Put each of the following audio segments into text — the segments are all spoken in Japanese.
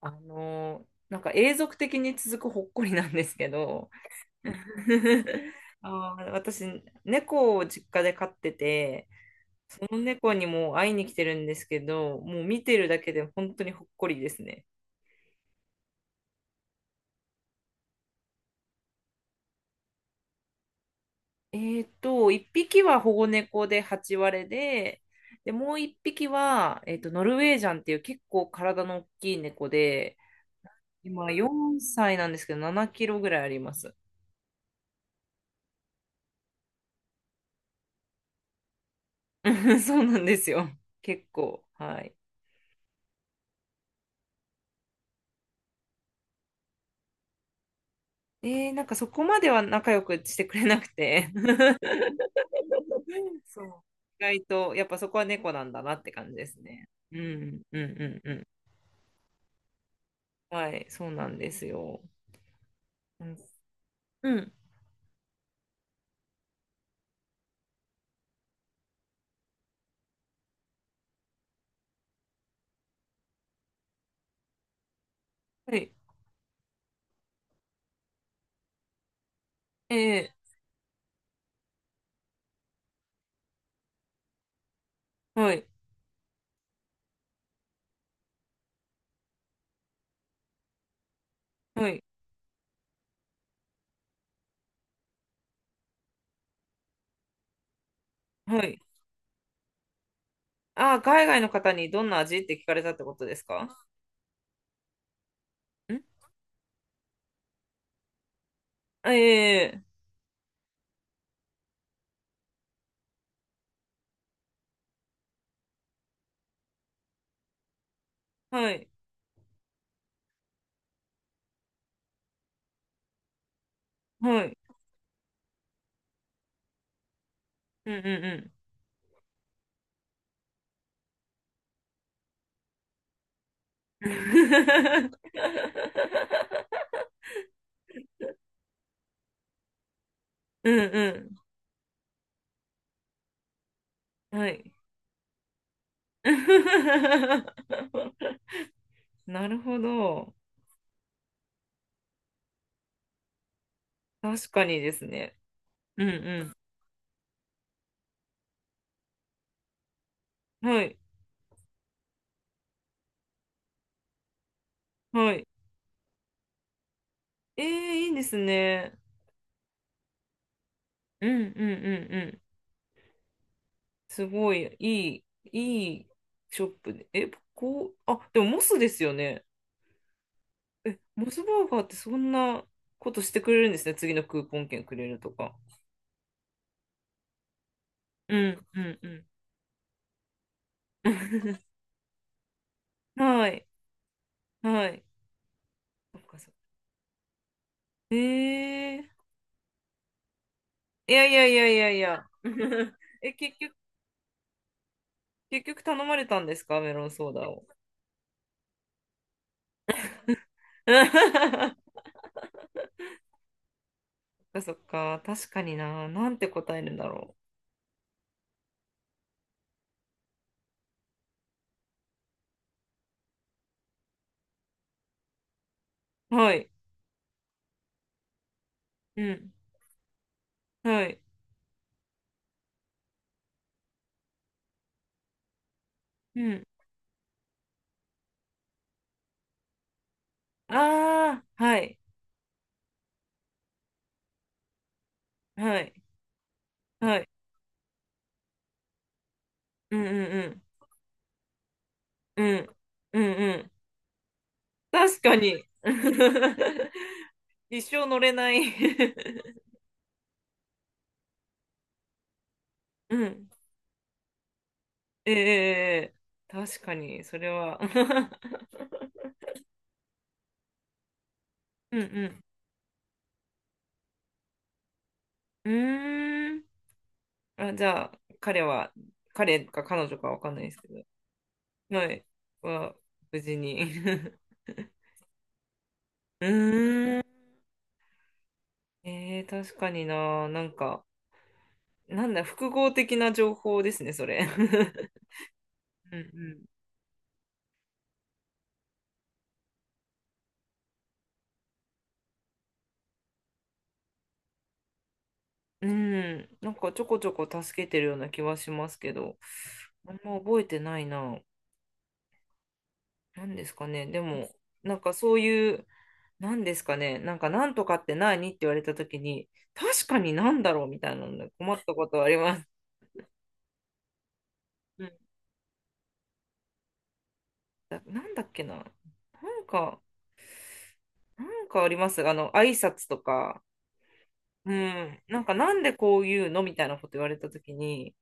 なんか永続的に続くほっこりなんですけど。 私、猫を実家で飼ってて、その猫にもう会いに来てるんですけど、もう見てるだけで本当にほっこりですね。1匹は保護猫で8割れで、で、もう1匹は、ノルウェージャンっていう結構体の大きい猫で、今4歳なんですけど、7キロぐらいあります。そうなんですよ。結構。はい。なんかそこまでは仲良くしてくれなくて。そう。意外と、やっぱそこは猫なんだなって感じですね。うん、うん、うん、うん。はい、そうなんですよ。うん。うん。はい。えはい、はい、はい。あー、海外の方にどんな味って聞かれたってことですかん。あ、はい、はい。うん、うん、うん。うん、うん。はい。なるほど。確かにですね。うんうん。はい。はい。ええ、いいですね。うんうんうんうん。すごい、いい、いいショップで。え、こう、あ、でもモスですよね。え、モスバーガーってそんなことしてくれるんですね。次のクーポン券くれるとか。うんうんうん。はい。はい。そっかそっか。ええ。いやいやいやいやいや。え、結局頼まれたんですかメロンソーダを。かそっか、確かにな。なんて答えるんだろう。はい。うん。はい。うん。ああ、はい。はい。はい。うんうんうん。うん。うんうん。確かに。一生乗れない。 うん。ええええ確かに、それは。 うんうん。うーん。あ、じゃあ、彼か彼女かわかんないですけど、はい。は、無事に。 うーん。ええ確かにな、なんか、なんだ、複合的な情報ですね、それ。うんうん。うん、なんかちょこちょこ助けてるような気はしますけど、あんま覚えてないな。なんですかね。でも、なんかそういう、なんですかね。なんか、なんとかって何って言われたときに、確かになんだろうみたいなので困ったことはあります。うん。だ、なんだっけな。なんか、なんかあります。あの、挨拶とか。うん、なんかなんでこういうのみたいなこと言われたときに、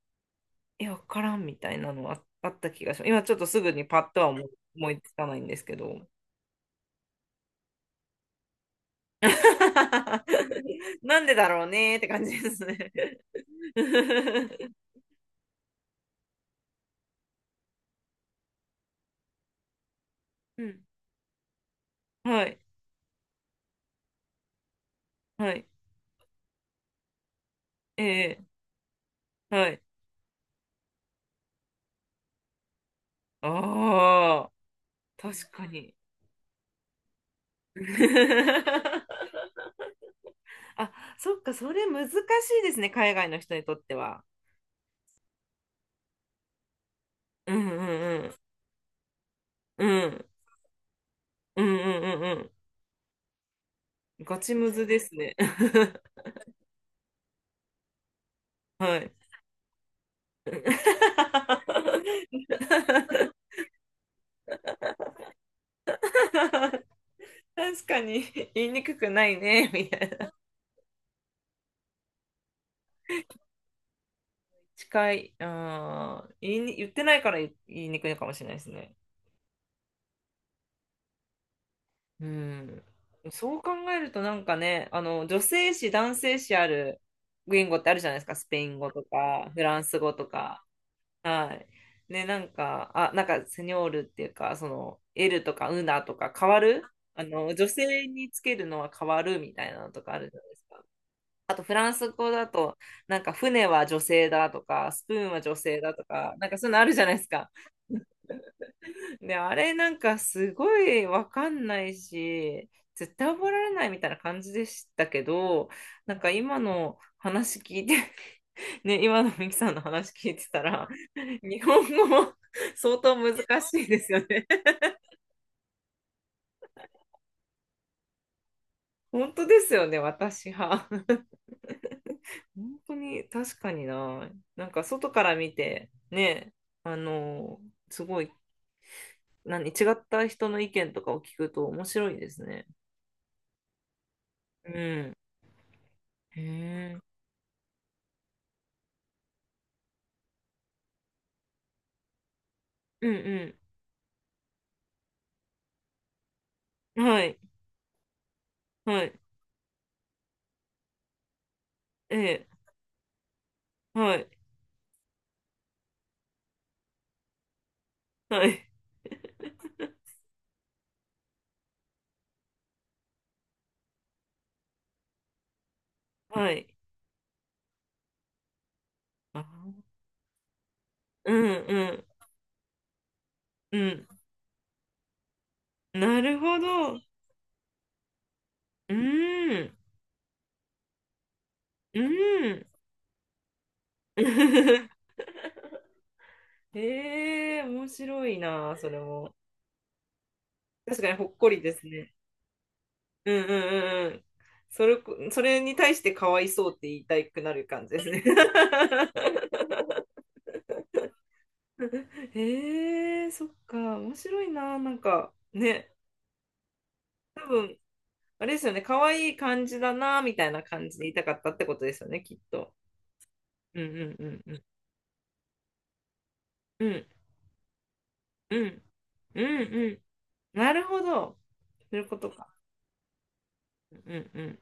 え、わからんみたいなの、あ、あった気がします。今ちょっとすぐにパッとは思いつかないんですけど。なんでだろうねーって感じですね。 うん。はい。はい。ええ、はい。ああ、確かに。あ、そっか、それ難しいですね、海外の人にとっては。うんうんうん。うん。うんうんうんうん。ガチムズですね。はい。確かに言いにくくないね、みたいな。近い。あー言ってないから言いにくいかもしれないですね。うん。そう考えるとなんかね、あの、女性誌、男性誌ある言語ってあるじゃないですか。スペイン語とか、フランス語とか。はい。ね、なんか、あ、なんか、セニョールっていうか、その、L とかウナとか変わるあの女性につけるのは変わるみたいなのとかあるじゃないですか。あと、フランス語だと、なんか、船は女性だとか、スプーンは女性だとか、なんか、そういうのあるじゃないですか。で、あれなんかすごいわかんないし、絶対覚えられないみたいな感じでしたけど、なんか今の話聞いて、ね、今のミキさんの話聞いてたら、日本語も相当難しいですよね。本当ですよね、私は。本当に確かにな。なんか外から見て、ね、あの、すごい、何、違った人の意見とかを聞くと面白いですね。うん。へえ。うんうん。はい。はい。ええ。はい。はい。はい。あー、うんうんうん。なるほど。うーん。うん。ええ、面白いな、それも。確かにほっこりですね。うんうんうんうん。それこ、それに対してかわいそうって言いたくなる感じですね。へえ、そっか、面白いな、なんか、ね、多分あれですよね、可愛い感じだな、みたいな感じで言いたかったってことですよね、きっと。うんうんうんうん。うんうんうんうん。なるほど。そういうことか。うんうん。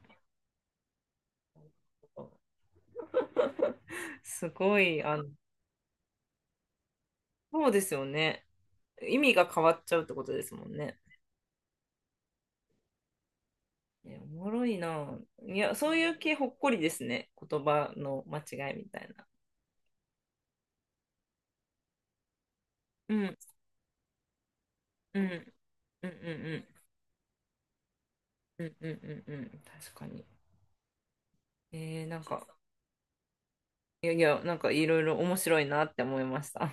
すごい、あの、そうですよね。意味が変わっちゃうってことですもんね。え、おもろいな。いや、そういう系ほっこりですね。言葉の間違いみたいな。うん、うん、うん、うん、うん、うん、うん、うん、うん、確かに。なんか、いやいや、なんかいろいろ面白いなって思いました。